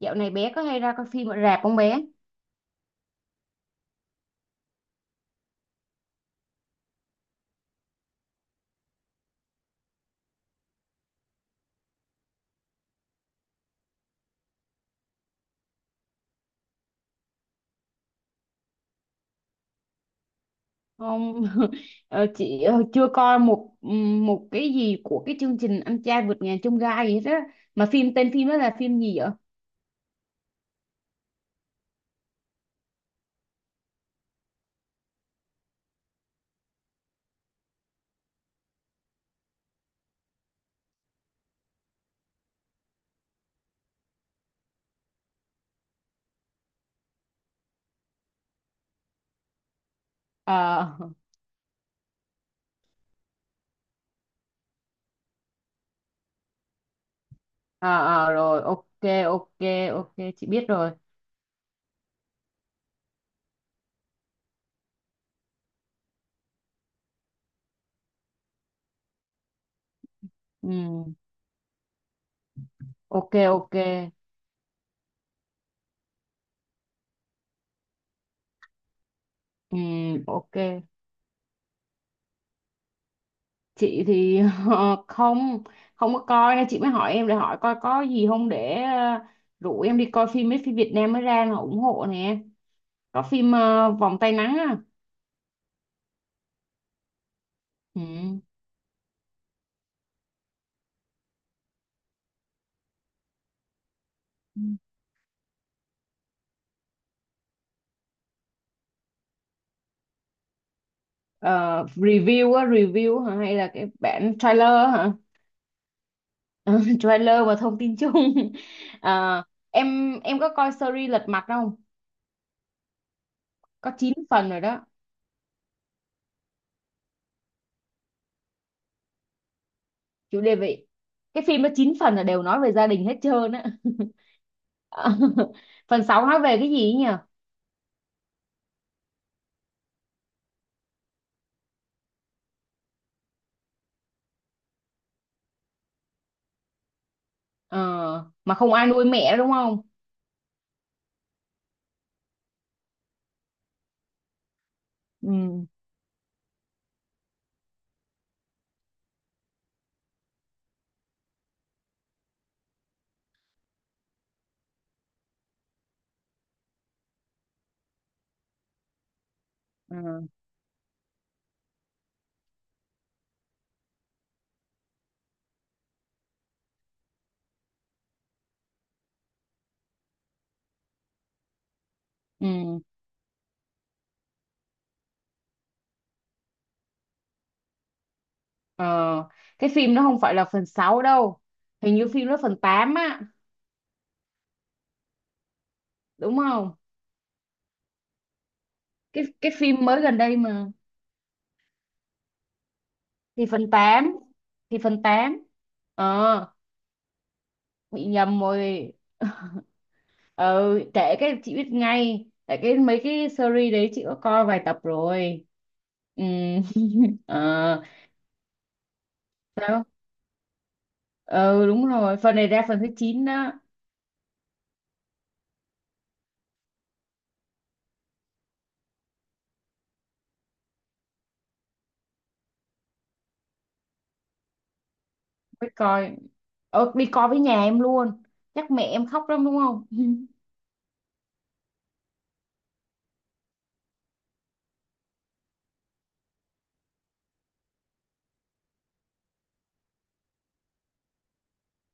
Dạo này bé có hay ra coi phim ở rạp không bé? Không, chị chưa coi một một cái gì của cái chương trình Anh trai vượt ngàn chông gai gì hết á. Mà tên phim đó là phim gì vậy? Ờ, ờ, ờ, rồi, ok, ok, ok, chị biết rồi. Ừ, ok, ok, ừ, ok. Chị thì ờ, không, không có coi nên chị mới hỏi em để hỏi coi có gì không để rủ em đi coi mấy phim Việt Nam mới ra là ủng hộ nè. Có phim Vòng tay nắng á. Ừ. Ừ. Ờ, review á, review hả? Hay là cái bản trailer hả? Ờ, trailer và thông tin chung. Ờ, em có coi series Lật Mặt không? Có 9 phần rồi đó, chủ đề vậy. Cái phim nó 9 phần là đều nói về gia đình hết trơn á. Ờ, phần 6 nói về cái gì ấy nhỉ? Ờ, mà không ai nuôi mẹ đúng không? Ừ. Ừ. Ừ. Ờ, cái phim nó không phải là phần 6 đâu. Hình như phim nó phần 8 á, đúng không? Cái phim mới gần đây mà. Thì phần tám, thì phần tám, ờ, bị nhầm rồi. Ờ, kể cái chị biết ngay tại cái mấy cái series đấy chị có coi vài tập rồi. Ừ, ờ, sao? Ừ, đúng rồi, phần này ra phần thứ 9 đó. Mới coi ờ, đi coi với nhà em luôn. Chắc mẹ em khóc lắm đúng không?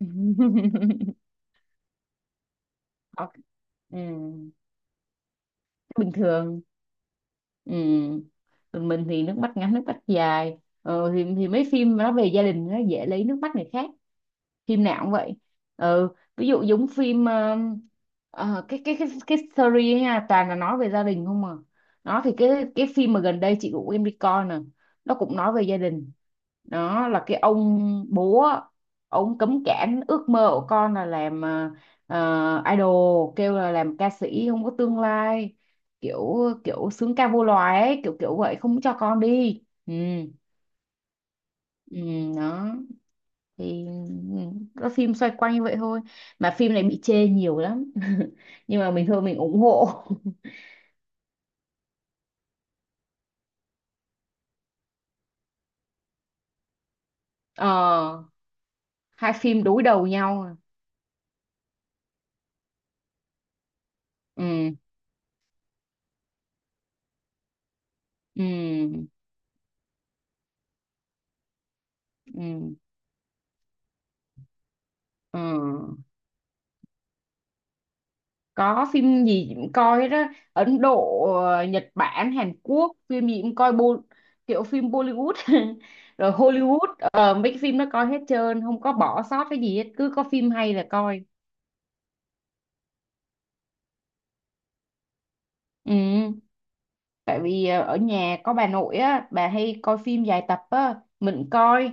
Khóc. Ừ. Bình thường. Ừ. Còn mình thì nước mắt ngắn nước mắt dài. Thì mấy phim nó về gia đình nó dễ lấy nước mắt người khác, phim nào cũng vậy. Ừ, ví dụ giống phim cái series ấy nha, toàn là nói về gia đình không à. Nó thì cái phim mà gần đây chị của em đi coi nè, nó cũng nói về gia đình. Đó là cái ông bố á, ông cấm cản ước mơ của con là làm idol, kêu là làm ca sĩ không có tương lai, kiểu kiểu sướng ca vô loài ấy, kiểu kiểu vậy, không cho con đi. Ừ, ừ, đó thì các phim xoay quanh như vậy thôi. Mà phim này bị chê nhiều lắm nhưng mà mình thôi mình ủng hộ. Ờ, hai phim đối đầu nhau à. Ừ, ừ, ừ, ừ, có phim gì cũng coi hết á, Ấn Độ, Nhật Bản, Hàn Quốc, phim gì cũng coi bo, kiểu phim Bollywood rồi Hollywood. Ờ, Mấy cái phim nó coi hết trơn không có bỏ sót cái gì hết, cứ có phim hay là coi. Ừ, tại vì ở nhà có bà nội á, bà hay coi phim dài tập á, mình coi.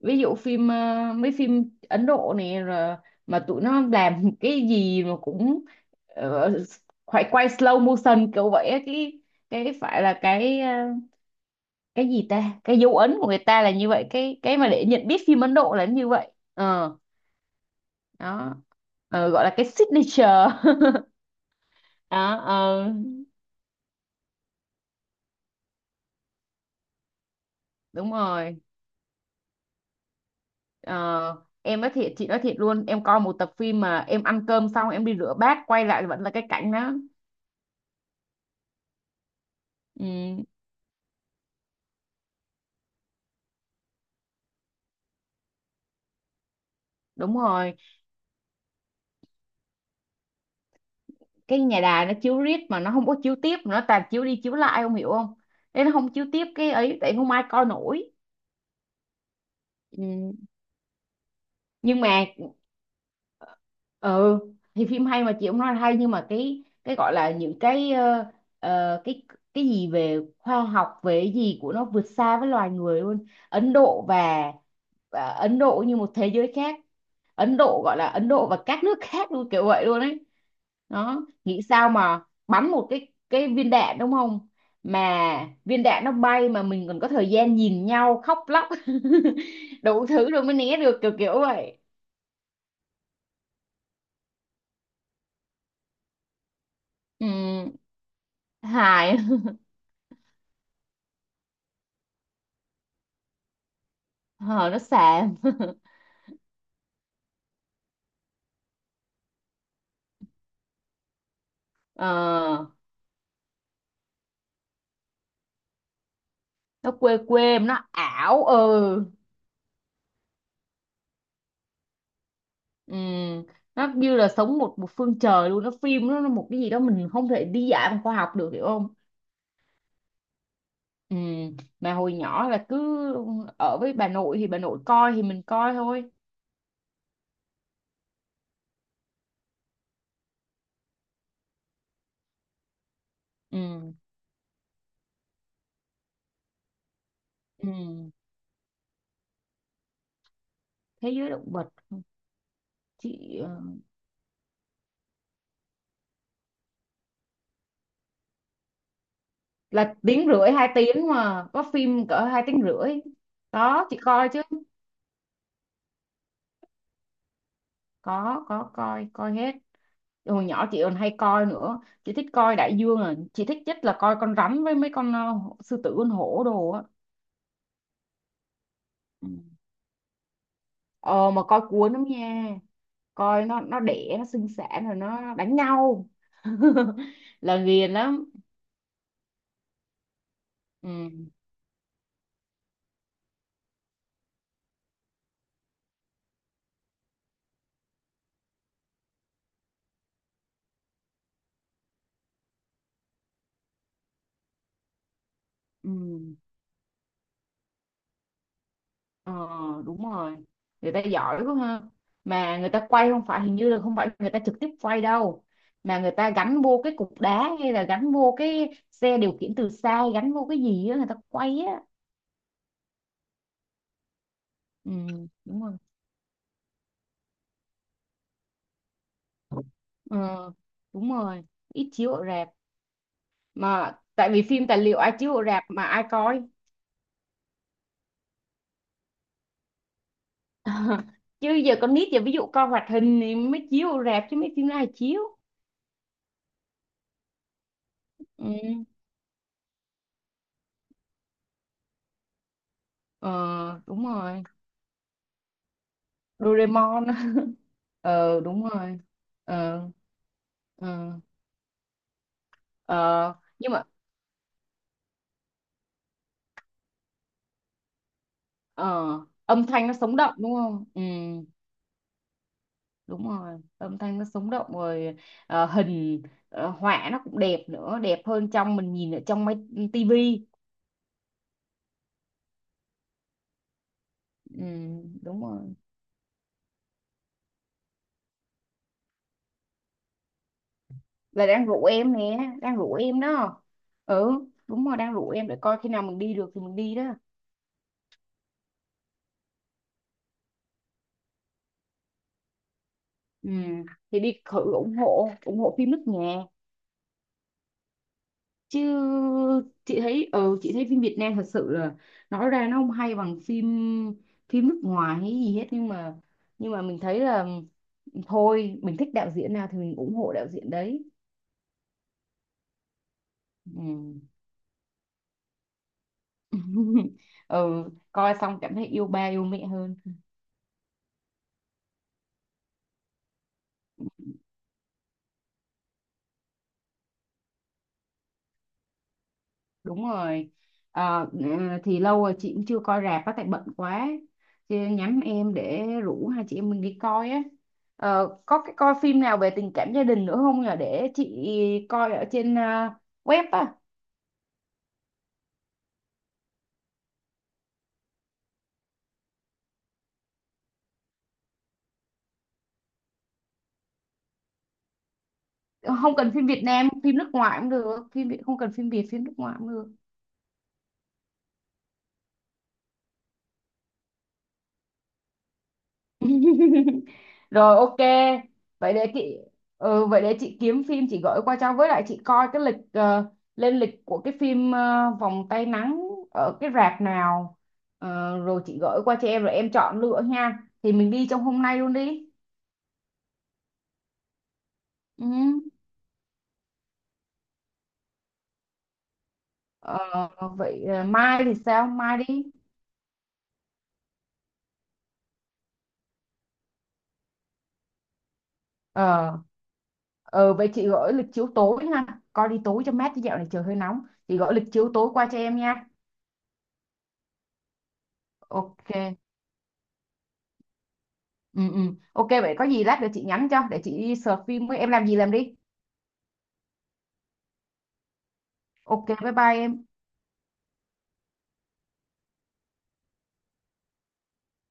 Ví dụ phim mấy phim Ấn Độ này rồi, mà tụi nó làm cái gì mà cũng ờ, phải quay slow motion kiểu vậy á. Cái Phải là cái cái gì ta, cái dấu ấn của người ta là như vậy, cái mà để nhận biết phim Ấn Độ là như vậy. Ờ, đó. Ờ, gọi là cái signature. Đó, ờ, đúng rồi. Ờ, em nói thiệt, chị nói thiệt luôn, em coi một tập phim mà em ăn cơm xong em đi rửa bát quay lại vẫn là cái cảnh đó. Ừ, đúng rồi, cái nhà đài nó chiếu riết mà nó không có chiếu tiếp, nó toàn chiếu đi chiếu lại, không hiểu không, nên nó không chiếu tiếp cái ấy tại không ai coi nổi. Ừ. Nhưng mà ừ, thì phim hay mà chị cũng nói là hay, nhưng mà cái gọi là những cái cái gì về khoa học, về cái gì của nó vượt xa với loài người luôn. Ấn Độ và Ấn Độ như một thế giới khác. Ấn Độ gọi là Ấn Độ và các nước khác luôn, kiểu vậy luôn ấy. Đó, nghĩ sao mà bắn một cái viên đạn đúng không, mà viên đạn nó bay mà mình còn có thời gian nhìn nhau khóc lóc đủ thứ rồi mới né được, kiểu kiểu vậy. Ừ, hài. Ờ, nó xàm. Ờ, nó quê quê, nó ảo. Ừ. Ừ, nó như là sống một một phương trời luôn, nó phim nó một cái gì đó mình không thể đi giải bằng khoa học được, hiểu không. Ừ, mà hồi nhỏ là cứ ở với bà nội thì bà nội coi thì mình coi thôi. Ừ, ừ, thế giới động vật, chị là tiếng rưỡi hai tiếng mà có phim cỡ hai tiếng rưỡi. Đó chị coi chứ, có coi, coi hết. Hồi nhỏ chị còn hay coi nữa, chị thích coi đại dương à, chị thích nhất là coi con rắn với mấy con sư tử, con hổ đồ á. Ừ. Ờ, mà coi cuốn lắm nha, coi nó đẻ, nó sinh sản rồi nó đánh nhau, là ghiền lắm. Ừ, ừ, ờ, đúng rồi, người ta giỏi quá ha. Mà người ta quay không phải, hình như là không phải người ta trực tiếp quay đâu, mà người ta gắn vô cái cục đá hay là gắn vô cái xe điều khiển từ xa, gắn vô cái gì á, người ta quay á. Ừ, đúng rồi. Ờ, đúng rồi, ít chiếu ở rạp mà, tại vì phim tài liệu ai chiếu ở rạp mà ai coi. Chứ giờ con nít giờ ví dụ coi hoạt hình thì mới chiếu ở rạp, chứ mấy phim ai chiếu. Ừ. Ờ, đúng rồi. Doraemon. Ờ, đúng rồi. Ờ, ờ, ờ, nhưng mà ờ, âm thanh nó sống động đúng không? Ừ, đúng rồi. Âm thanh nó sống động rồi, hình họa nó cũng đẹp nữa, đẹp hơn trong mình nhìn ở trong máy tivi. Ừ, đúng rồi. Là đang rủ em nè, đang rủ em đó. Ừ, đúng rồi, đang rủ em để coi, khi nào mình đi được thì mình đi đó. Ừ, thì đi thử ủng hộ, ủng hộ phim nước nhà chứ. Chị thấy ừ, chị thấy phim Việt Nam thật sự là nói ra nó không hay bằng phim phim nước ngoài hay gì hết, nhưng mà mình thấy là thôi mình thích đạo diễn nào thì mình ủng hộ đạo diễn đấy. Ừ. Ừ, coi xong cảm thấy yêu ba yêu mẹ hơn. Đúng rồi. Ờ, thì lâu rồi chị cũng chưa coi rạp á, tại bận quá, chị nhắm em để rủ hai chị em mình đi coi á. Ờ, có cái coi phim nào về tình cảm gia đình nữa không nhỉ để chị coi ở trên à, web á. Không cần phim Việt Nam, phim nước ngoài cũng được, phim Việt không cần phim Việt, phim nước ngoài cũng được. Rồi, ok. Vậy để chị ừ, vậy để chị kiếm phim chị gửi qua cho, với lại chị coi cái lịch lên lịch của cái phim Vòng tay nắng ở cái rạp nào. Ờ, rồi chị gửi qua cho em rồi em chọn lựa nha. Thì mình đi trong hôm nay luôn đi. Ừ. Ờ, vậy ờ, mai thì sao? Mai đi. Ờ, ờ, vậy chị gửi lịch chiếu tối ha. Coi đi tối cho mát chứ dạo này trời hơi nóng. Chị gửi lịch chiếu tối qua cho em nha. Ok. Ừ, ừ, ok, vậy có gì lát nữa chị nhắn cho để chị đi search phim với em làm gì làm đi. Ok, bye bye em.